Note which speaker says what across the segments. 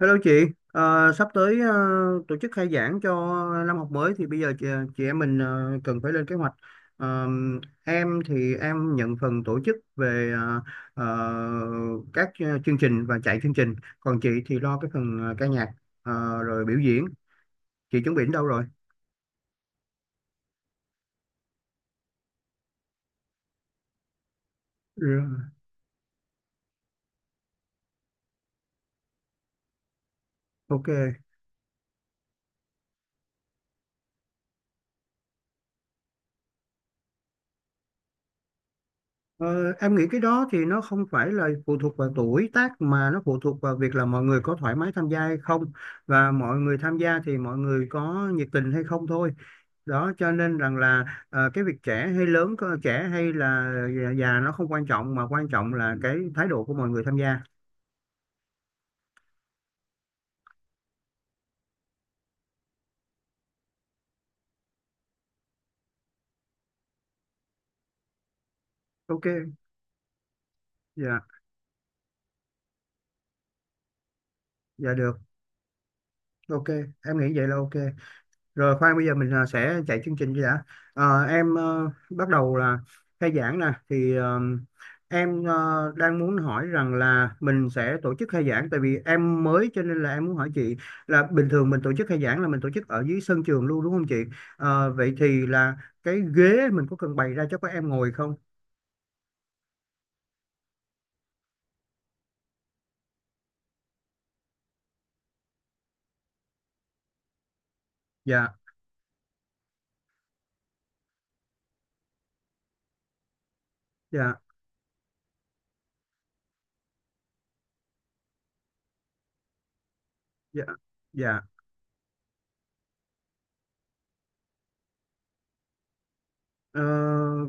Speaker 1: Hello chị. Sắp tới tổ chức khai giảng cho năm học mới thì bây giờ chị em mình cần phải lên kế hoạch. Ờ, em thì em nhận phần tổ chức về ờ, các chương trình và chạy chương trình, còn chị thì lo cái phần ca nhạc ờ, rồi biểu diễn. Chị chuẩn bị đến đâu rồi? Ừ. Ok. Ờ, em nghĩ cái đó thì nó không phải là phụ thuộc vào tuổi tác, mà nó phụ thuộc vào việc là mọi người có thoải mái tham gia hay không, và mọi người tham gia thì mọi người có nhiệt tình hay không thôi. Đó cho nên rằng là cái việc trẻ hay lớn trẻ hay là già già nó không quan trọng, mà quan trọng là cái thái độ của mọi người tham gia. Ok. Dạ, dạ được. Ok, em nghĩ vậy là ok. Rồi khoan bây giờ mình sẽ chạy chương trình đi đã. Em bắt đầu là khai giảng nè, thì em đang muốn hỏi rằng là mình sẽ tổ chức khai giảng, tại vì em mới cho nên là em muốn hỏi chị là bình thường mình tổ chức khai giảng là mình tổ chức ở dưới sân trường luôn đúng không chị? Vậy thì là cái ghế mình có cần bày ra cho các em ngồi không? Dạ. Dạ. Dạ. Dạ. Ờ,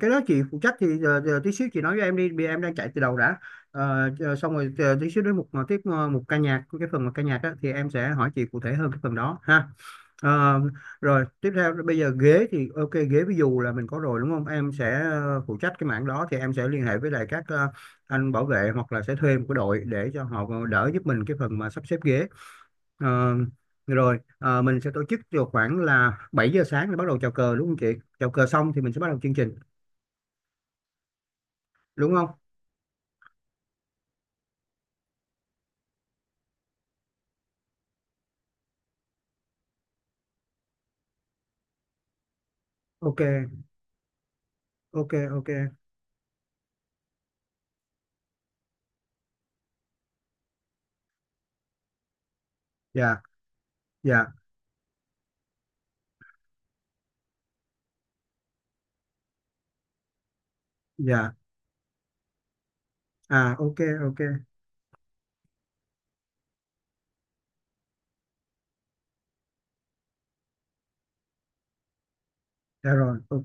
Speaker 1: cái đó chị phụ trách thì giờ tí xíu chị nói với em đi, vì em đang chạy từ đầu đã. Xong rồi chờ tí xíu đến một tiếp một ca nhạc, cái phần một ca nhạc á, thì em sẽ hỏi chị cụ thể hơn cái phần đó ha. Ờ, Rồi tiếp theo, bây giờ ghế thì ok, ghế ví dụ là mình có rồi đúng không, em sẽ phụ trách cái mảng đó, thì em sẽ liên hệ với lại các anh bảo vệ hoặc là sẽ thuê một cái đội để cho họ đỡ giúp mình cái phần mà sắp xếp ghế. Ờ, Rồi mình sẽ tổ chức vào khoảng là 7 giờ sáng để bắt đầu chào cờ, đúng không chị? Chào cờ xong thì mình sẽ bắt đầu chương trình, đúng không? Ok. Ok. Ok. Dạ. Dạ. Dạ. À, ok. Ok. Dạ rồi. Ok.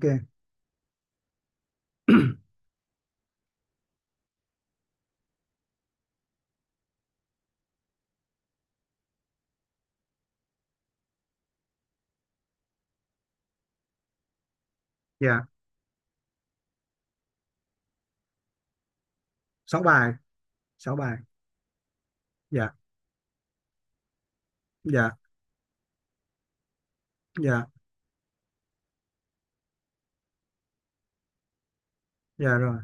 Speaker 1: Dạ. Sáu bài. Sáu bài. Dạ. Dạ. Dạ. Dạ rồi.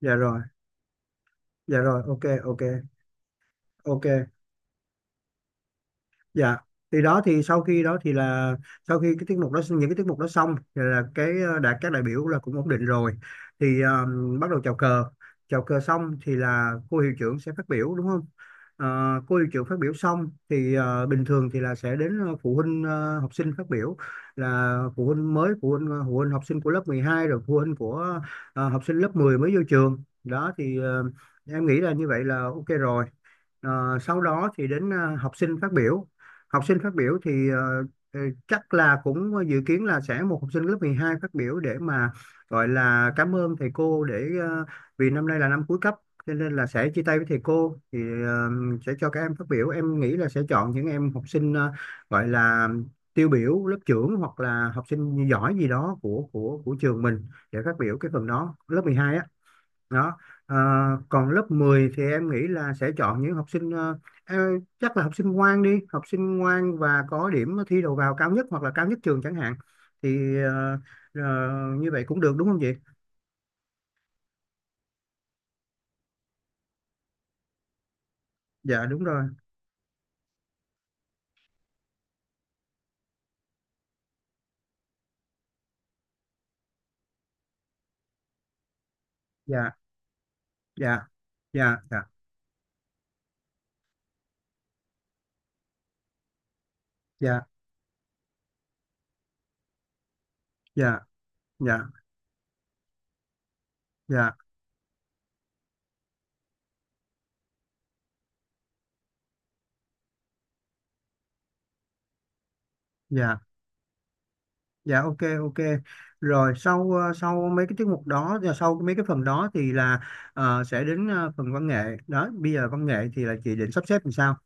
Speaker 1: Dạ rồi. Dạ rồi. Ok. Ok. Ok. Dạ. Thì đó thì sau khi đó thì là sau khi cái tiết mục đó, những cái tiết mục đó xong thì là cái đã các đại biểu là cũng ổn định rồi, thì bắt đầu chào cờ. Chào cờ xong thì là cô hiệu trưởng sẽ phát biểu, đúng không? Ờ, cô hiệu trưởng phát biểu xong thì bình thường thì là sẽ đến phụ huynh học sinh phát biểu, là phụ huynh mới, phụ huynh phụ huynh học sinh của lớp 12, rồi phụ huynh của học sinh lớp 10 mới vô trường đó, thì em nghĩ là như vậy là ok rồi. Sau đó thì đến học sinh phát biểu. Học sinh phát biểu thì ờ, chắc là cũng dự kiến là sẽ một học sinh lớp 12 phát biểu để mà gọi là cảm ơn thầy cô, để vì năm nay là năm cuối cấp cho nên là sẽ chia tay với thầy cô, thì ờ, sẽ cho các em phát biểu. Em nghĩ là sẽ chọn những em học sinh gọi là tiêu biểu, lớp trưởng hoặc là học sinh giỏi gì đó của trường mình để phát biểu cái phần đó, lớp 12 á. Đó. Ờ, Còn lớp 10 thì em nghĩ là sẽ chọn những học sinh chắc là học sinh ngoan đi, học sinh ngoan và có điểm thi đầu vào cao nhất hoặc là cao nhất trường chẳng hạn, thì ờ, như vậy cũng được đúng không chị? Dạ đúng rồi. Dạ. Dạ. Dạ. Dạ. Dạ. Dạ. Dạ. Dạ. Dạ. Dạ. Ok. Ok. Rồi sau sau mấy cái tiết mục đó và sau mấy cái phần đó thì là sẽ đến phần văn nghệ đó. Bây giờ văn nghệ thì là chị định sắp xếp làm sao?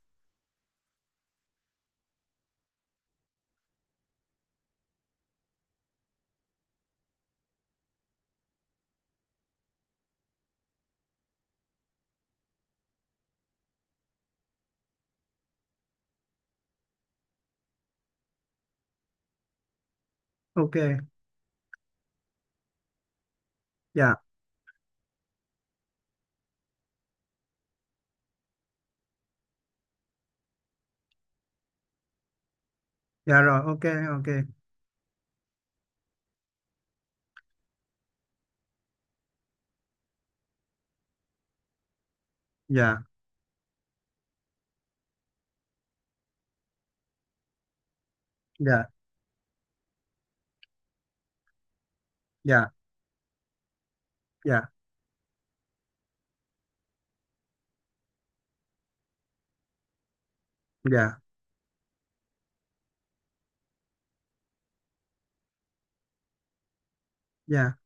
Speaker 1: Ok. Dạ. Dạ rồi. Ok. Ok. Dạ. Dạ. Dạ. Dạ. Dạ. Dạ.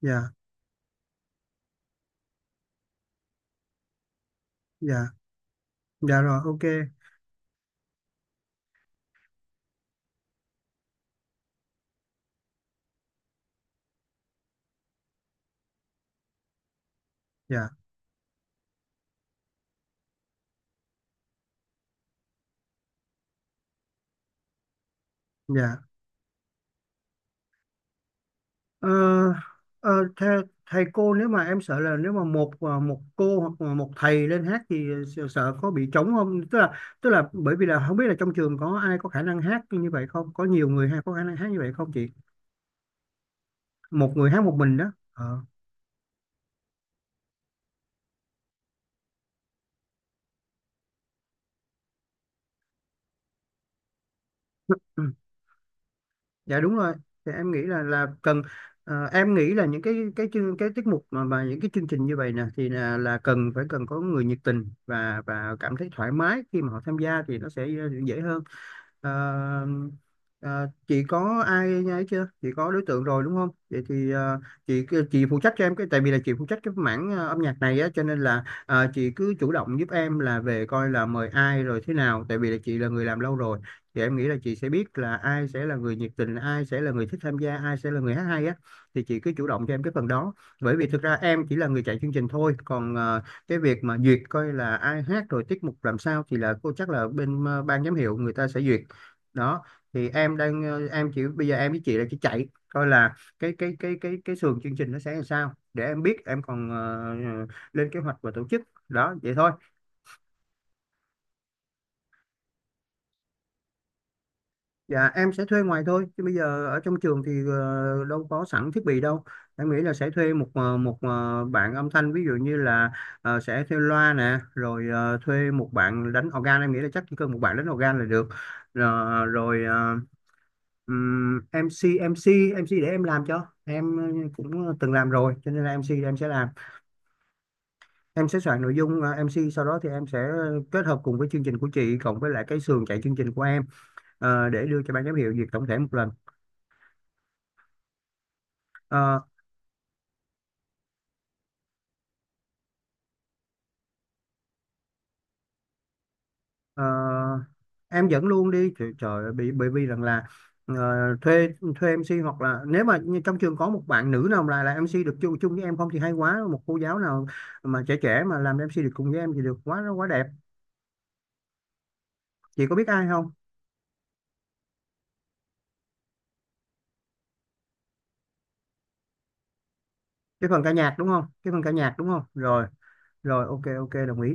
Speaker 1: Dạ. Dạ. Dạ rồi. Ok. Dạ. Dạ. ờ, ờ, thầy, Thầy cô, nếu mà em sợ là nếu mà một cô hoặc là một thầy lên hát thì sợ có bị trống không, tức là bởi vì là không biết là trong trường có ai có khả năng hát như vậy không, có nhiều người hay có khả năng hát như vậy không chị? Một người hát một mình đó ờ ừ. Dạ đúng rồi. Thì em nghĩ là cần. Em nghĩ là những cái tiết mục mà những cái chương trình như vậy nè, thì là cần phải cần có người nhiệt tình và cảm thấy thoải mái khi mà họ tham gia thì nó sẽ dễ hơn. Ờ, ờ, chị có ai ấy chưa, chị có đối tượng rồi đúng không? Vậy thì chị phụ trách cho em cái, tại vì là chị phụ trách cái mảng âm nhạc này á, cho nên là chị cứ chủ động giúp em là về coi là mời ai rồi thế nào, tại vì là chị là người làm lâu rồi, thì em nghĩ là chị sẽ biết là ai sẽ là người nhiệt tình, ai sẽ là người thích tham gia, ai sẽ là người hát hay á, thì chị cứ chủ động cho em cái phần đó. Bởi vì thực ra em chỉ là người chạy chương trình thôi, còn cái việc mà duyệt coi là ai hát rồi tiết mục làm sao, thì là cô chắc là bên ban giám hiệu người ta sẽ duyệt đó. Thì em đang em chỉ bây giờ em với chị là chỉ chạy coi là cái sườn chương trình nó sẽ làm sao, để em biết em còn ờ, lên kế hoạch và tổ chức đó, vậy thôi. Dạ em sẽ thuê ngoài thôi, chứ bây giờ ở trong trường thì đâu có sẵn thiết bị đâu. Em nghĩ là sẽ thuê một bạn âm thanh, ví dụ như là sẽ thuê loa nè, rồi thuê một bạn đánh organ. Em nghĩ là chắc chỉ cần một bạn đánh organ là được. Rồi MC MC MC để em làm, cho em cũng từng làm rồi cho nên là MC em sẽ làm. Em sẽ soạn nội dung MC, sau đó thì em sẽ kết hợp cùng với chương trình của chị cộng với lại cái sườn chạy chương trình của em để đưa cho ban giám hiệu duyệt tổng thể một lần. Ờ, ờ, em dẫn luôn đi, trời ơi, bởi vì rằng là ờ, thuê thuê MC, hoặc là nếu mà như trong trường có một bạn nữ nào là MC được chung chung với em không thì hay quá, một cô giáo nào mà trẻ trẻ mà làm MC được cùng với em thì được quá quá đẹp. Chị có biết ai không? Cái phần ca nhạc đúng không, cái phần ca nhạc đúng không? Rồi. Rồi. Ok. Ok. Đồng ý.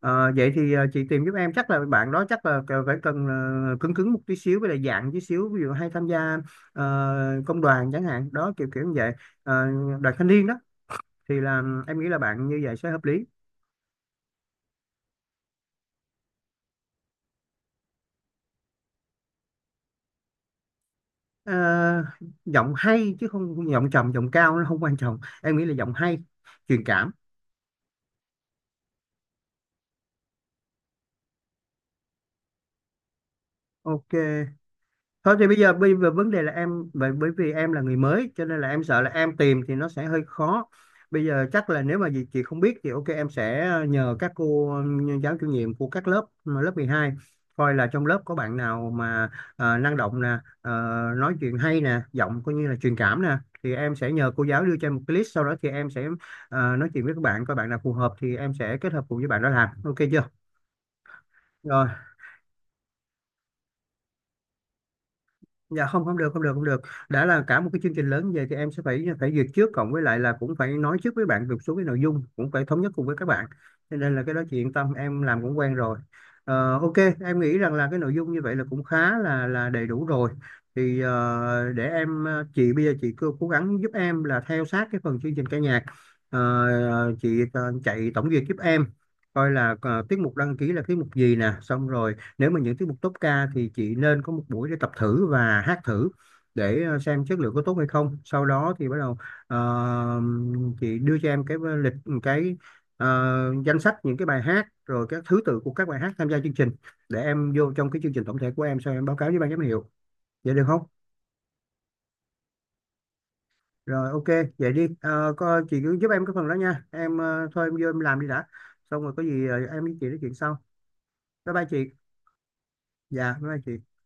Speaker 1: Vậy thì chị tìm giúp em. Chắc là bạn đó chắc là phải cần cứng cứng một tí xíu, với lại dạng tí xíu, ví dụ hay tham gia ờ, công đoàn chẳng hạn, đó kiểu kiểu như vậy. Ờ, Đoàn thanh niên đó, thì là em nghĩ là bạn như vậy sẽ hợp lý. Ờ, Giọng hay chứ không, giọng trầm giọng cao nó không quan trọng, em nghĩ là giọng hay, truyền cảm. Ok. Thôi thì bây giờ vấn đề là em, bởi bởi vì em là người mới cho nên là em sợ là em tìm thì nó sẽ hơi khó. Bây giờ chắc là nếu mà gì chị không biết thì ok, em sẽ nhờ các cô giáo chủ nhiệm của các lớp mà lớp 12, coi là trong lớp có bạn nào mà năng động nè, nói chuyện hay nè, giọng coi như là truyền cảm nè, thì em sẽ nhờ cô giáo đưa cho em một cái list, sau đó thì em sẽ nói chuyện với các bạn coi bạn nào phù hợp thì em sẽ kết hợp cùng với bạn đó làm. Ok chưa? Rồi. Dạ không, không được, không được, không được. Đã là cả một cái chương trình lớn, vậy thì em sẽ phải phải duyệt trước, cộng với lại là cũng phải nói trước với bạn một số cái nội dung, cũng phải thống nhất cùng với các bạn, cho nên là cái đó chị yên tâm, em làm cũng quen rồi. Ok. Em nghĩ rằng là cái nội dung như vậy là cũng khá là đầy đủ rồi, thì để chị bây giờ chị cố cố gắng giúp em là theo sát cái phần chương trình ca nhạc. Ờ, chị chạy tổng duyệt giúp em, coi là tiết mục đăng ký là tiết mục gì nè, xong rồi nếu mà những tiết mục top ca thì chị nên có một buổi để tập thử và hát thử, để xem chất lượng có tốt hay không, sau đó thì bắt đầu ờ, chị đưa cho em cái lịch, cái ờ, danh sách những cái bài hát rồi các thứ tự của các bài hát tham gia chương trình, để em vô trong cái chương trình tổng thể của em, sau em báo cáo với ban giám hiệu, vậy được không? Rồi. Ok, vậy đi. Ờ, có, chị cứ giúp em cái phần đó nha em. Ờ, Thôi em vô em làm đi đã, xong rồi có gì em với chị nói chuyện sau. Bye bye chị. Dạ bye bye chị.